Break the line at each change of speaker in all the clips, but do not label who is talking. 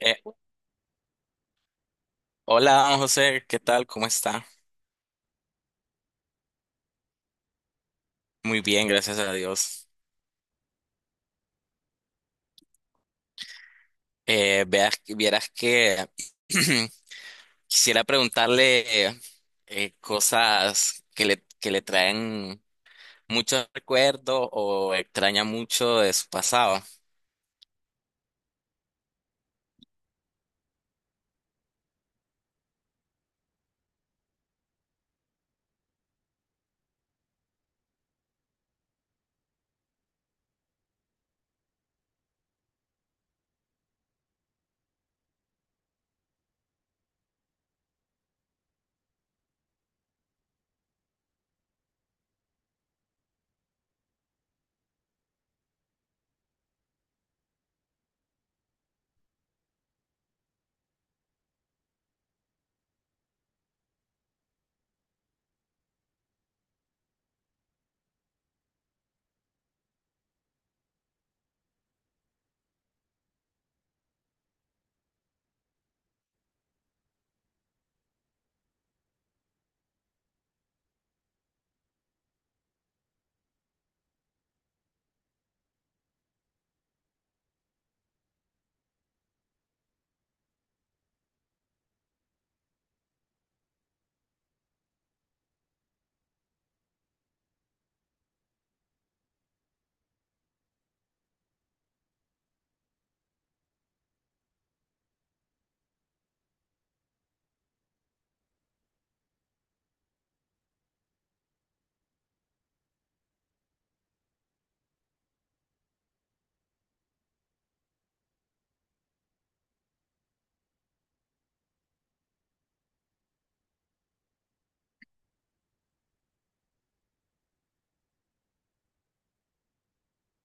Eh, Hola José, ¿qué tal? ¿Cómo está? Muy bien, gracias a Dios. Vieras que quisiera preguntarle cosas que le traen muchos recuerdos o extraña mucho de su pasado.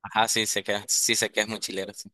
Ajá, sí sé que es mochilero, sí.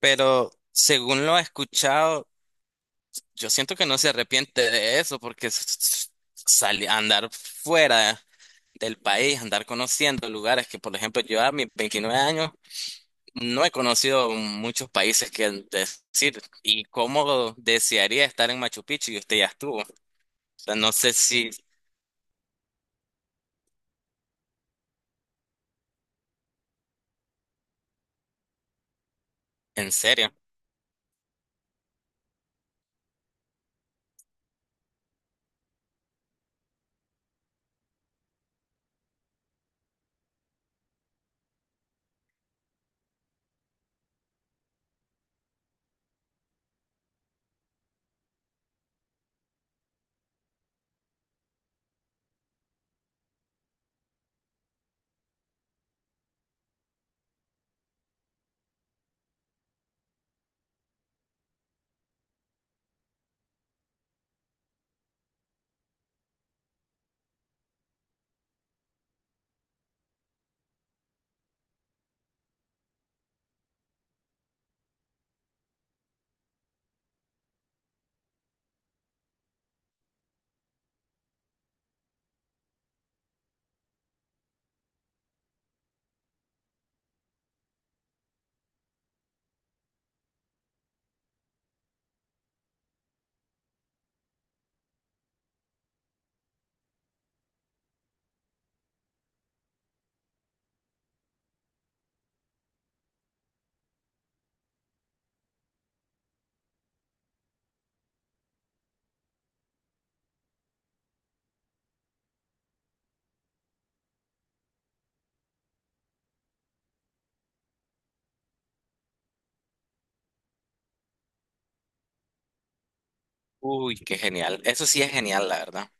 Pero según lo he escuchado, yo siento que no se arrepiente de eso porque andar fuera del país, andar conociendo lugares que, por ejemplo, yo a mis 29 años no he conocido muchos países que decir. ¿Y cómo desearía estar en Machu Picchu? Y usted ya estuvo. O sea, no sé si, en serio. Uy, qué genial. Eso sí es genial, la verdad.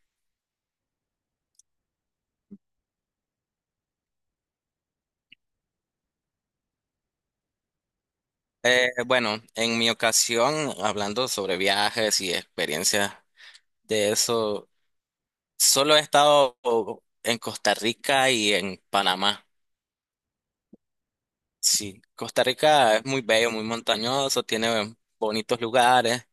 Bueno, en mi ocasión, hablando sobre viajes y experiencias de eso, solo he estado en Costa Rica y en Panamá. Sí, Costa Rica es muy bello, muy montañoso, tiene bonitos lugares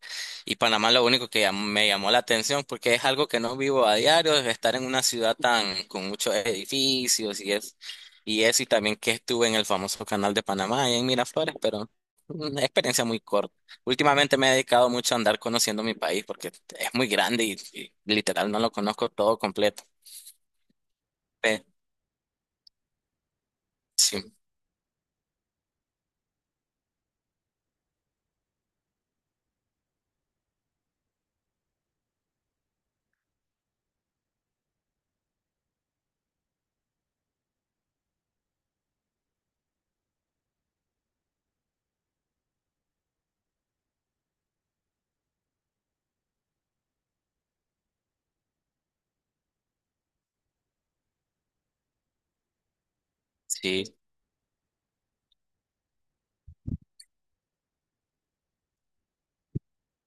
y Panamá lo único que me llamó la atención porque es algo que no vivo a diario, es estar en una ciudad tan con muchos edificios y es y eso y también que estuve en el famoso canal de Panamá allá en Miraflores, pero una experiencia muy corta. Últimamente me he dedicado mucho a andar conociendo mi país porque es muy grande y literal no lo conozco todo completo. Pe- Sí, sí.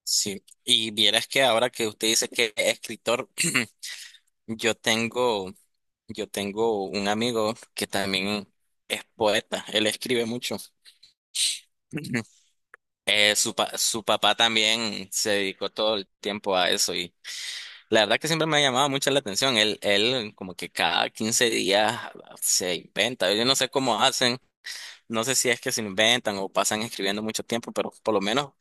Sí, y vieras que ahora que usted dice que es escritor, yo tengo, yo tengo un amigo que también es poeta, él escribe mucho. Su papá también se dedicó todo el tiempo a eso y la verdad que siempre me ha llamado mucho la atención. Él como que cada 15 días se inventa. Yo no sé cómo hacen, no sé si es que se inventan o pasan escribiendo mucho tiempo, pero por lo menos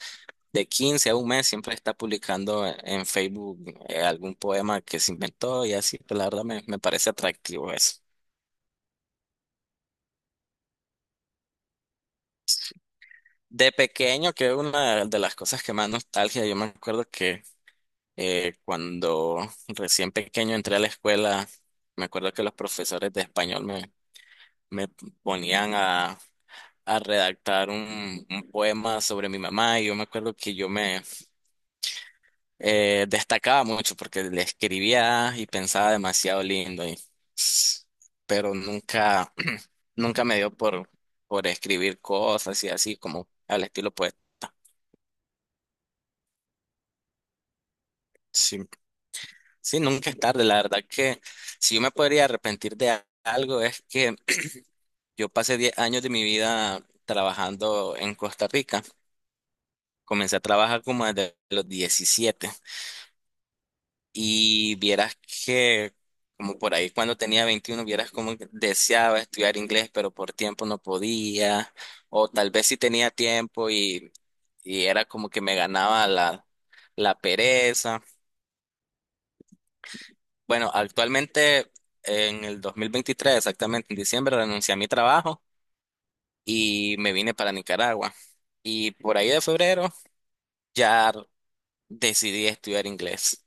de 15 a un mes siempre está publicando en Facebook algún poema que se inventó y así, pues, la verdad me parece atractivo eso. De pequeño, que una de las cosas que más nostalgia, yo me acuerdo que cuando recién pequeño entré a la escuela, me acuerdo que los profesores de español me ponían a redactar un poema sobre mi mamá y yo me acuerdo que yo me destacaba mucho porque le escribía y pensaba demasiado lindo, y, pero nunca, nunca me dio por escribir cosas y así como al estilo poeta. Sí, sí, nunca es tarde. La verdad que si yo me podría arrepentir de algo es que yo pasé 10 años de mi vida trabajando en Costa Rica. Comencé a trabajar como desde los 17. Y vieras que, como por ahí cuando tenía 21, vieras como que deseaba estudiar inglés, pero por tiempo no podía, o tal vez sí tenía tiempo y era como que me ganaba la pereza. Bueno, actualmente en el 2023, exactamente en diciembre, renuncié a mi trabajo y me vine para Nicaragua. Y por ahí de febrero ya decidí estudiar inglés.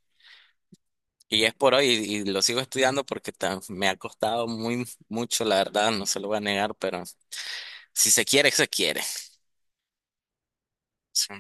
Y es por hoy y lo sigo estudiando porque me ha costado muy mucho, la verdad, no se lo voy a negar, pero si se quiere, se quiere. Sí.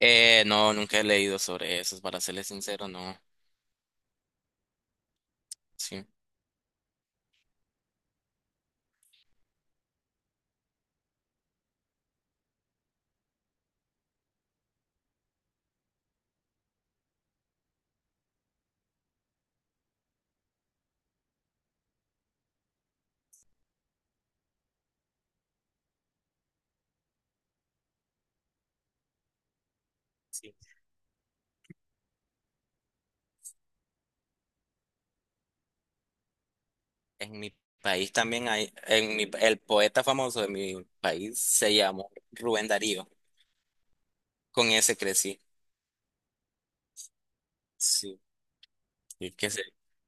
No, nunca he leído sobre eso, para serles sincero, no. Sí. Sí. En mi país también hay, el poeta famoso de mi país se llamó Rubén Darío. Con ese crecí. Sí. Y que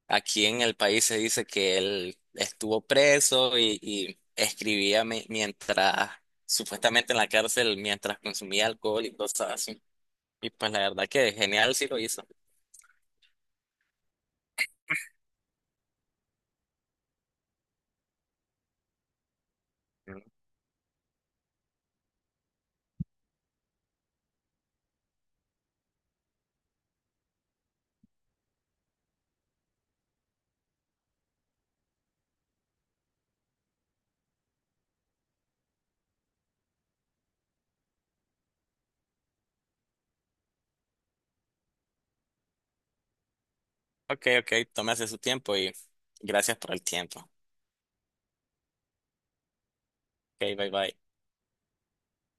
aquí en el país se dice que él estuvo preso y escribía mientras, supuestamente en la cárcel, mientras consumía alcohol y cosas así. Y pues la verdad que genial sí lo hizo. Mm. Ok, ok, tómese su tiempo y gracias por el tiempo. Ok, bye bye.